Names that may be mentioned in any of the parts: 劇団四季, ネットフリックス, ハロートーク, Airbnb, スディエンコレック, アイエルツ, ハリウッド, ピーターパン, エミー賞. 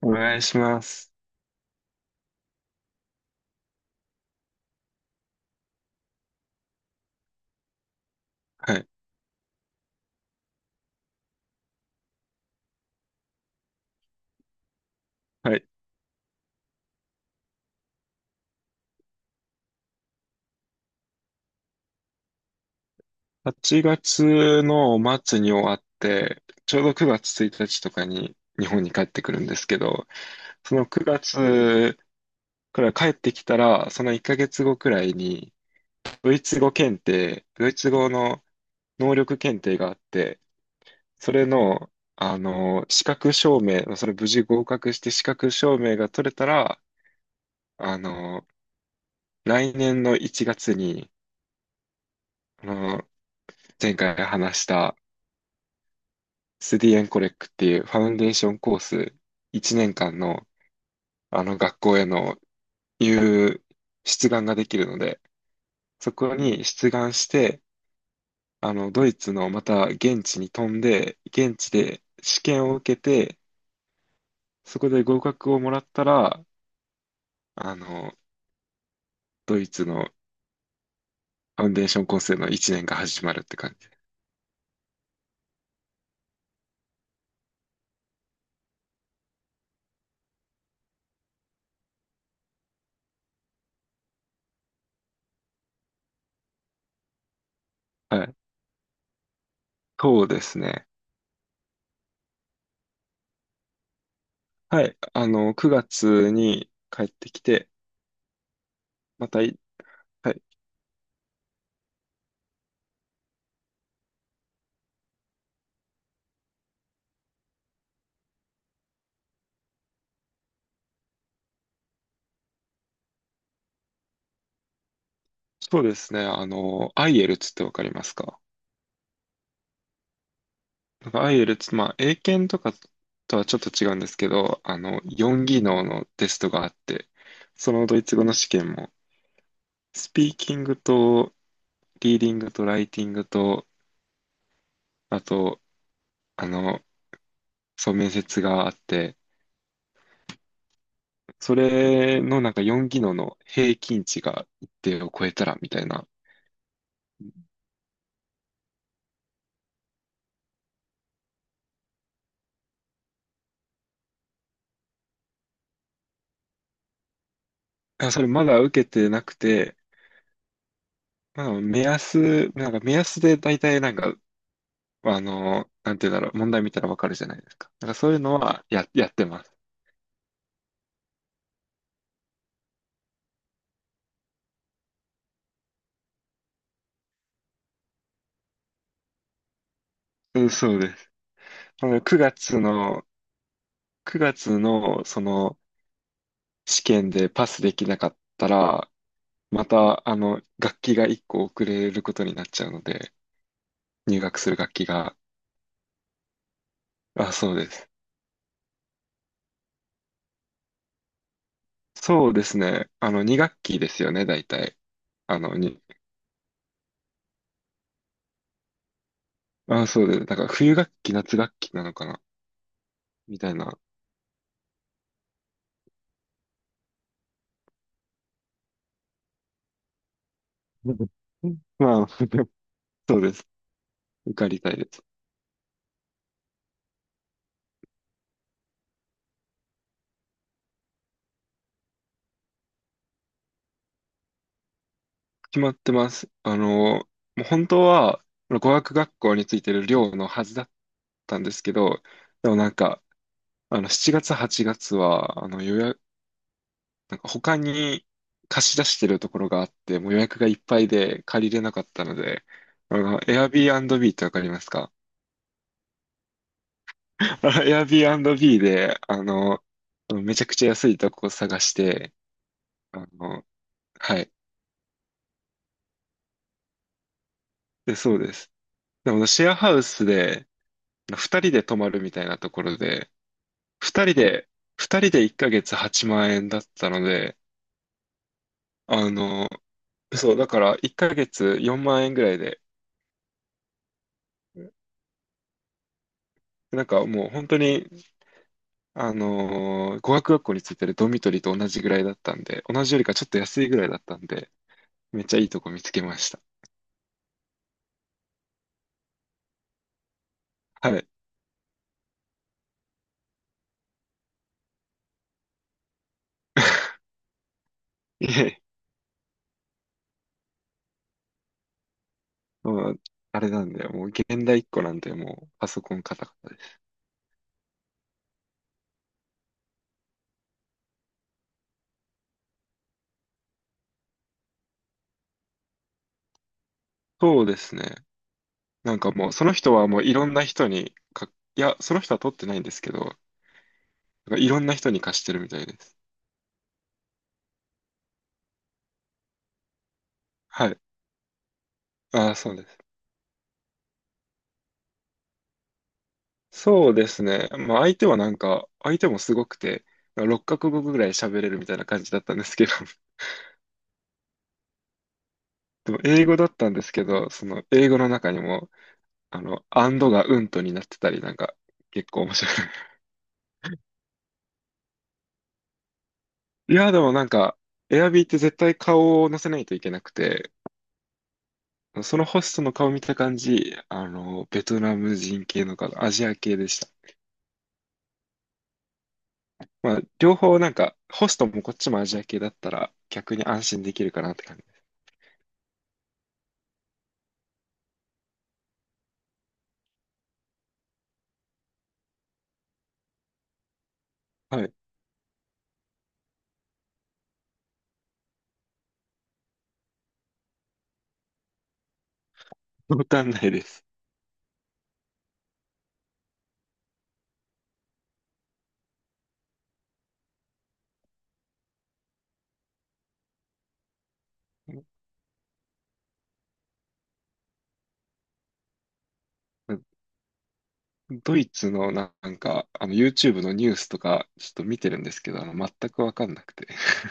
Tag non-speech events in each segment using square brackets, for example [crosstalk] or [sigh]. お願いします。はい。はい。8月の末に終わって、ちょうど9月1日とかに日本に帰ってくるんですけど、その9月から帰ってきたら、その1ヶ月後くらいに、ドイツ語検定、ドイツ語の能力検定があって、それの、資格証明、それ無事合格して資格証明が取れたら、あの、来年の1月に、あの、前回話したスディエンコレックっていうファウンデーションコース1年間の学校への入出願ができるので、そこに出願して、ドイツのまた現地に飛んで、現地で試験を受けて、そこで合格をもらったら、あのドイツのファウンデーションコースへの1年が始まるって感じ。はい。そうですね。はい。9月に帰ってきて、またい、はい。そうですね。アイエルツってわかりますか？なんかアイエルツ、まあ、英検とかとはちょっと違うんですけど、4技能のテストがあって、そのドイツ語の試験も、スピーキングと、リーディングと、ライティングと、あと、あの、そう、面接があって、それのなんか4技能の平均値が一定を超えたら、みたいな。あ、それまだ受けてなくて、まあ、なんか目安で大体なんか、なんていうんだろう、問題見たらわかるじゃないですか。なんかそういうのはやってます。うん、そうです。あの、9月の、9月の、その、試験でパスできなかったら、また、楽器が1個遅れることになっちゃうので、入学する楽器が。あ、そうです。そうですね。2学期ですよね、大体。あの、に、あ、そうです。だから、冬学期、夏学期なのかな、みたいな。うん。 [laughs] まあ、[laughs] そうです。受かりたいです。決まってます。もう本当は、語学学校についてる寮のはずだったんですけど、でもなんか、7月、8月は、なんか他に貸し出してるところがあって、もう予約がいっぱいで借りれなかったので、Airbnb ってわかりますか？ [laughs] Airbnb で、めちゃくちゃ安いとこを探して、あの、はい。で、そうです。でも、シェアハウスで、2人で泊まるみたいなところで、2人で、2人で1ヶ月8万円だったので、あの、そう、だから1ヶ月4万円ぐらいで、なんかもう本当に、語学学校についてるドミトリーと同じぐらいだったんで、同じよりかちょっと安いぐらいだったんで、めっちゃいいとこ見つけました。はい。[laughs] いえ、もう、あれなんだよ。もう現代一個なんで、もうパソコンカタカタです。そうですね。なんかもう、その人はもういろんな人にか、いや、その人は取ってないんですけど、なんかいろんな人に貸してるみたいです。はい。ああ、そうです。そうですね。まあ相手はなんか、相手もすごくて、六角語ぐぐらい喋れるみたいな感じだったんですけど、[laughs] でも英語だったんですけど、その英語の中にも、アンドがうんとになってたり、なんか、結構面白い。[laughs] いや、でもなんか、エアビーって絶対顔を載せないといけなくて、そのホストの顔見た感じ、ベトナム人系の方、アジア系でした。まあ、両方なんか、ホストもこっちもアジア系だったら、逆に安心できるかなって感じ。はい。わかんないです。[laughs] ドイツのなんか、YouTube のニュースとか、ちょっと見てるんですけど、全くわかんなくて。[laughs]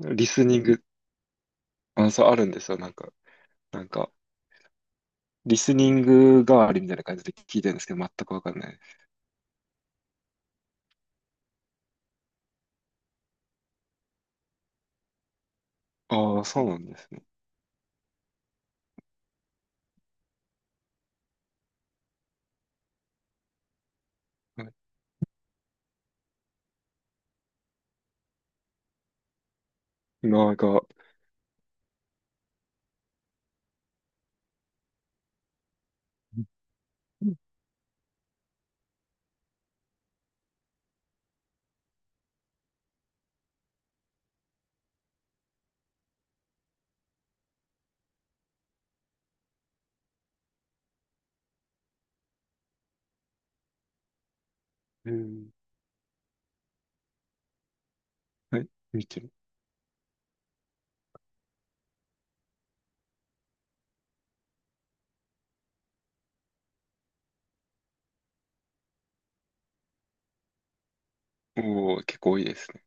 リスニング、あ、そう、あるんですよ。なんか、リスニング代わりみたいな感じで聞いてるんですけど、全くわかんないです。ああ、そうなんですね。はい。なんか、うん、はい、見てる。おー、結構多いですね。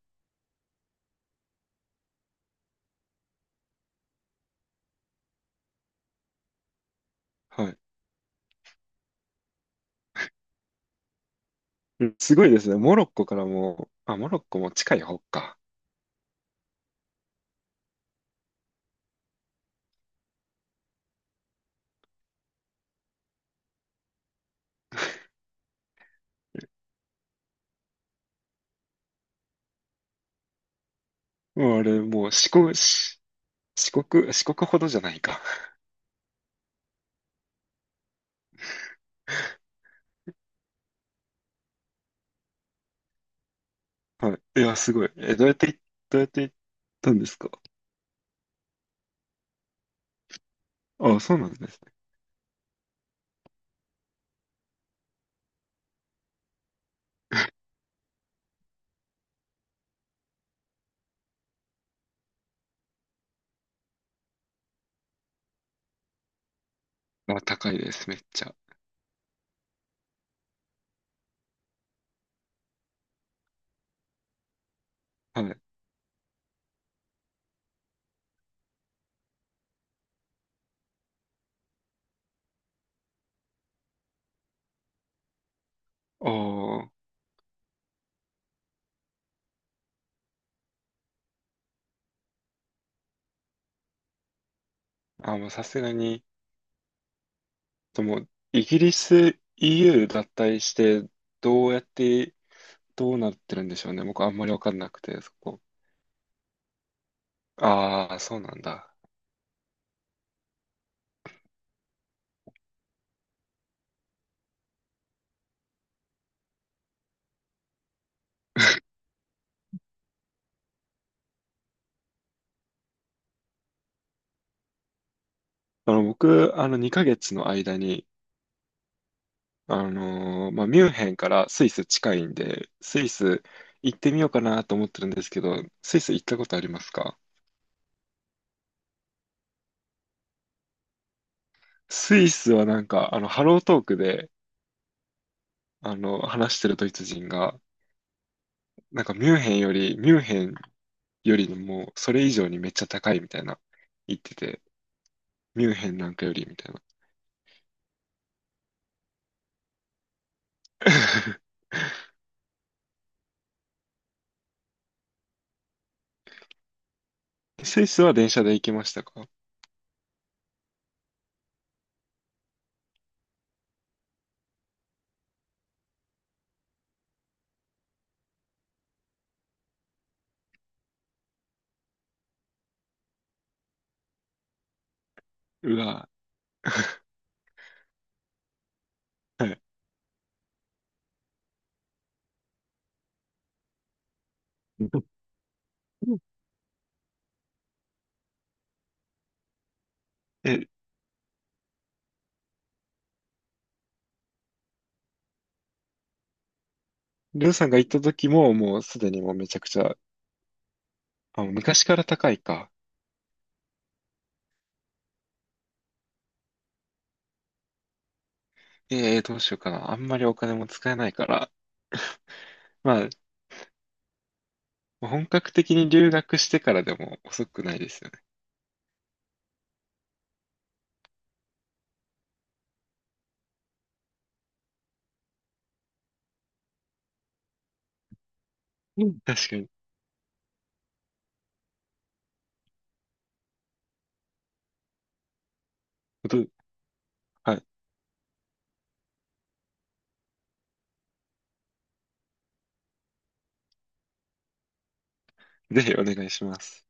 はい。うん、すごいですね。モロッコからも、あ、モロッコも近い方か。もうあれ、もう四国、し四国、四国ほどじゃないか。[laughs] はい。いや、すごい。え、どうやって行ったんですか？あ、そうなんですね。あ、高いです、めっちゃ。はい。おー、あ、もうさすがに、でも、イギリス EU 脱退して、どうやって、どうなってるんでしょうね。僕、あんまりわかんなくて、そこ。ああ、そうなんだ。僕、2ヶ月の間に、まあ、ミュンヘンからスイス近いんで、スイス行ってみようかなと思ってるんですけど、スイス行ったことありますか？スイスはなんか、ハロートークで、話してるドイツ人が、ミュンヘンよりもう、それ以上にめっちゃ高いみたいな、言ってて、ミュンヘンなんかよりみたいな。[laughs] スイスは電車で行きましたか？うわ。[laughs] はい。[laughs] え、りょうさんが行った時も、もうすでにもうめちゃくちゃ、あ、昔から高いか。えー、どうしようかな。あんまりお金も使えないから。まあ、本格的に留学してからでも遅くないですよね。うん、確かに。本当に、はい。ぜひお願いします。